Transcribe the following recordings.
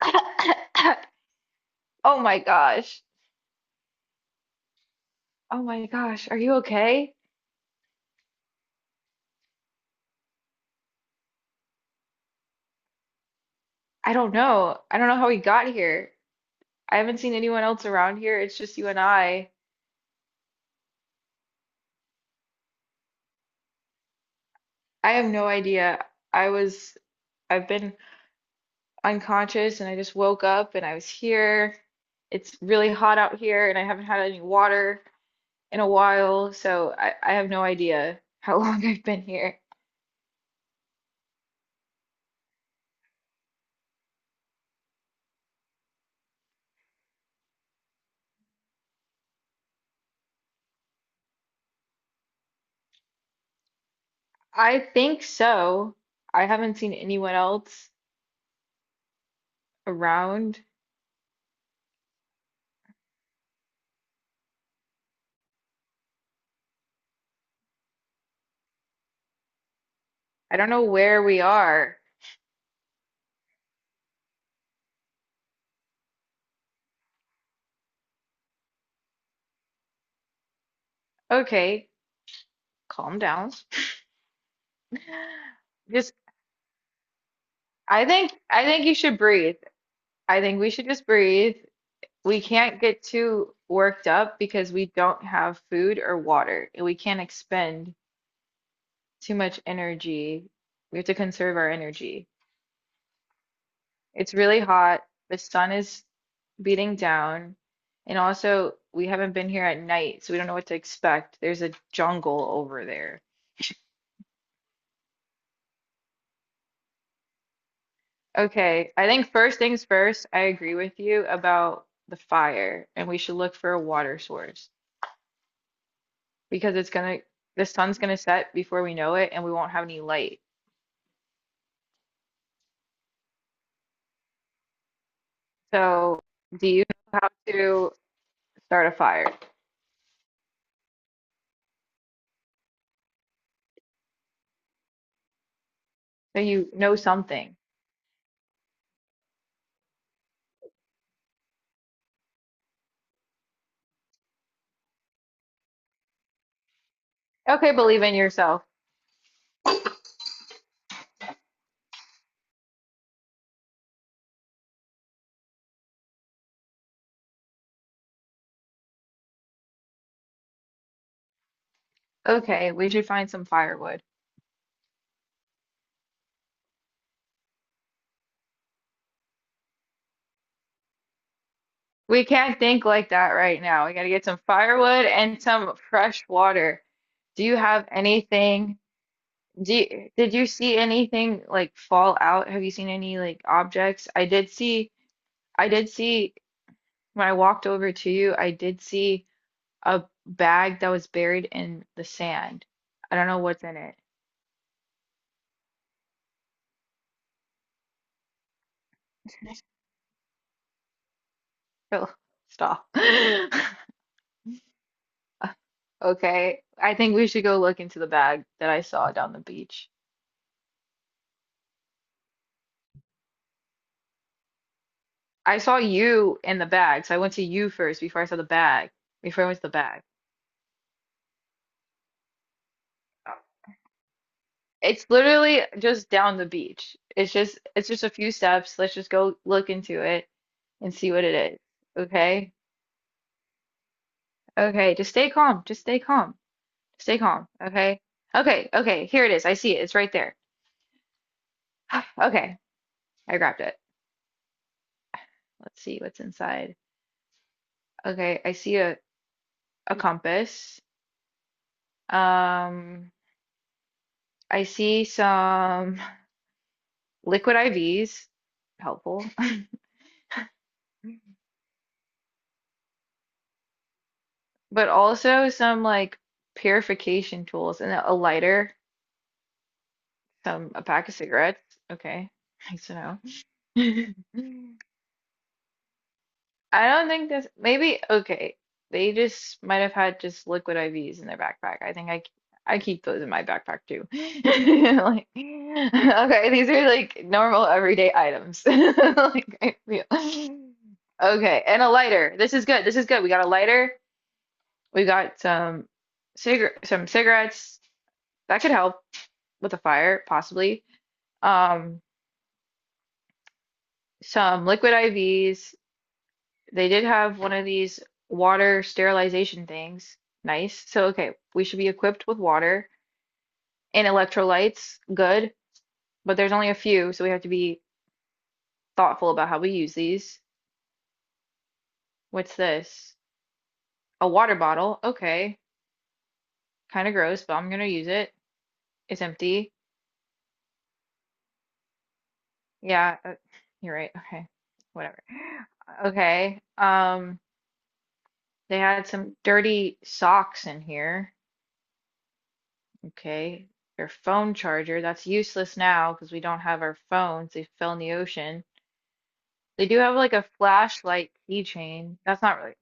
Oh my gosh. Oh my gosh. Are you okay? I don't know. I don't know how we got here. I haven't seen anyone else around here. It's just you and I. I have no idea. I was, I've been unconscious and I just woke up and I was here. It's really hot out here and I haven't had any water in a while, so I have no idea how long I've been here. I think so. I haven't seen anyone else around. I don't know where we are. Okay, calm down. Just, I think you should breathe. I think we should just breathe. We can't get too worked up because we don't have food or water, and we can't expend too much energy. We have to conserve our energy. It's really hot. The sun is beating down, and also we haven't been here at night, so we don't know what to expect. There's a jungle over there. Okay, I think first things first, I agree with you about the fire, and we should look for a water source because the sun's gonna set before we know it, and we won't have any light. So, do you know how to start a fire? So you know something. Okay, believe in yourself. Okay, we should find some firewood. We can't think like that right now. We gotta get some firewood and some fresh water. Do you have anything? Do you, did you see anything like fall out? Have you seen any like objects? I did see When I walked over to you, I did see a bag that was buried in the sand. I don't know what's in it. Oh, stop. Okay, I think we should go look into the bag that I saw down the beach. I saw you in the bag, so I went to you first before I saw the bag, before I went to the bag. It's literally just down the beach. It's just a few steps. Let's just go look into it and see what it is. Okay? Okay, just stay calm. Just stay calm. Stay calm, okay? Okay, okay, here it is. I see it. It's right there. Okay, I grabbed it. Let's see what's inside. Okay, I see a compass. Um, I see some liquid IVs, helpful, but also some like purification tools and a lighter. Some a pack of cigarettes. Okay. Nice to know. I don't think this, maybe, okay. They just might have had just liquid IVs in their backpack. I think I keep those in my backpack too. Like, okay, these are like normal everyday items. Like, I feel. Okay, and a lighter. This is good. This is good. We got a lighter. We got some cigar some cigarettes. That could help with a fire, possibly. Um, some liquid IVs, they did have one of these water sterilization things. Nice. So, okay, we should be equipped with water and electrolytes. Good. But there's only a few, so we have to be thoughtful about how we use these. What's this? A water bottle. Okay. Kind of gross, but I'm gonna use it. It's empty. Yeah, you're right. Okay. Whatever. Okay. They had some dirty socks in here. Okay. Your phone charger, that's useless now because we don't have our phones. They fell in the ocean. They do have like a flashlight keychain. That's not really.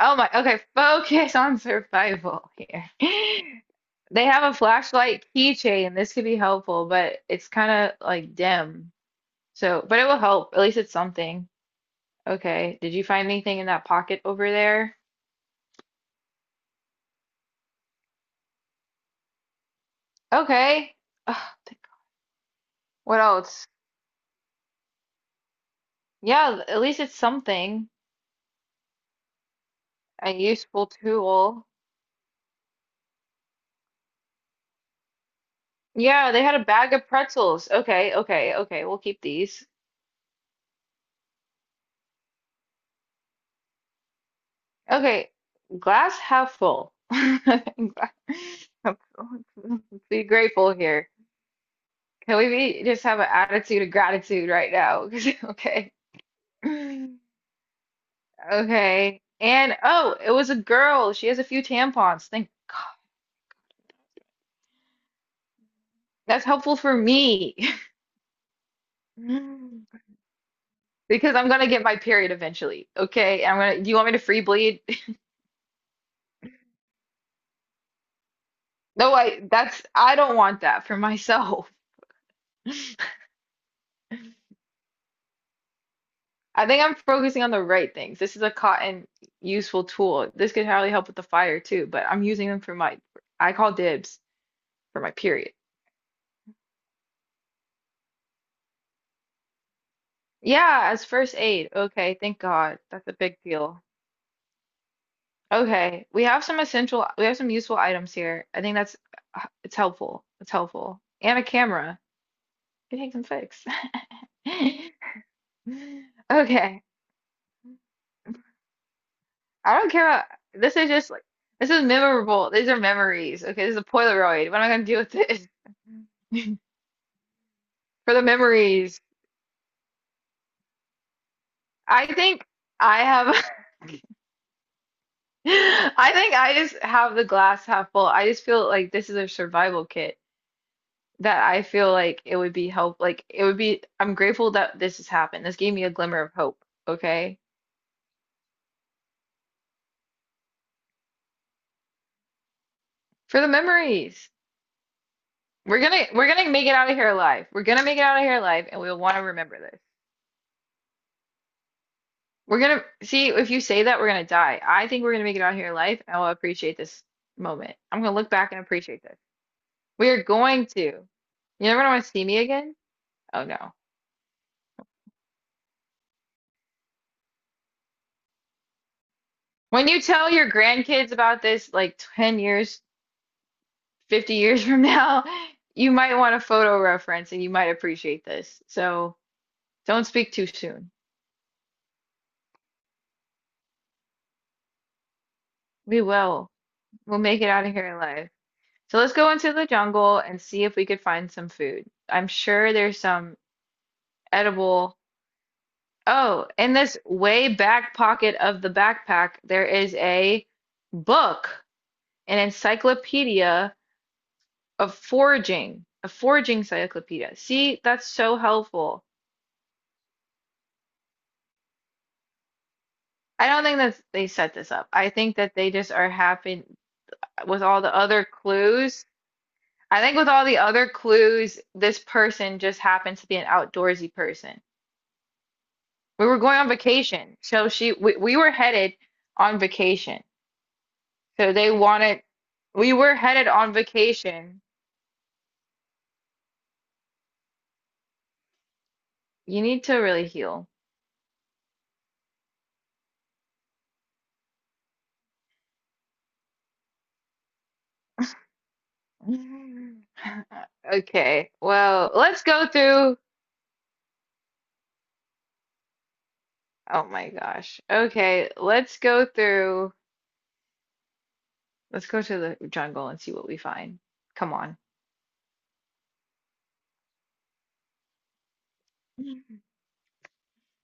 Oh my. Okay, focus on survival here. They have a flashlight keychain. This could be helpful, but it's kind of like dim. So, but it will help. At least it's something. Okay. Did you find anything in that pocket over there? Okay. Ugh, what else? Yeah, at least it's something. A useful tool. Yeah, they had a bag of pretzels. Okay, okay, okay. We'll keep these. Okay, glass half full. Gla- Be grateful here. Can we be just have an attitude of gratitude right now? 'Cause- Okay. Okay. And oh, it was a girl. She has a few tampons. Thank God. That's helpful for me. Because I'm gonna get my period eventually. Okay. I'm gonna, do you want me to free bleed? No, I that's I don't want that for myself. I think I'm focusing on the right things. This is a cotton useful tool. This could hardly help with the fire too, but I'm using them for my, I call dibs for my period. Yeah, as first aid. Okay, thank God. That's a big deal. Okay, we have some useful items here. I think that's, it's helpful. It's helpful. And a camera. It take some fix. Okay, I don't care about, this is just like, this is memorable. These are memories. Okay, this is a Polaroid. What am I gonna do with this? For the memories, I think I have, I think I just have the glass half full. I just feel like this is a survival kit that I feel like it would be help. Like it would be, I'm grateful that this has happened. This gave me a glimmer of hope. Okay. For the memories, we're gonna make it out of here alive. We're gonna make it out of here alive, and we'll want to remember this. We're gonna see if you say that we're gonna die. I think we're gonna make it out of here alive, and I'll appreciate this moment. I'm gonna look back and appreciate this. We're going to. You never want to see me again? Oh no. When you tell your grandkids about this, like 10 years, 50 years from now, you might want a photo reference and you might appreciate this. So don't speak too soon. We will. We'll make it out of here alive. So let's go into the jungle and see if we could find some food. I'm sure there's some edible. Oh, in this way back pocket of the backpack, there is a book, an encyclopedia of foraging, a foraging encyclopedia. See, that's so helpful. I don't think that they set this up. I think that they just are happy with all the other clues. I think with all the other clues, this person just happens to be an outdoorsy person. We were headed on vacation. So they wanted we were headed on vacation. You need to really heal. Okay, well, let's go through. Oh my gosh. Okay, let's go through. Let's go to the jungle and see what we find. Come on.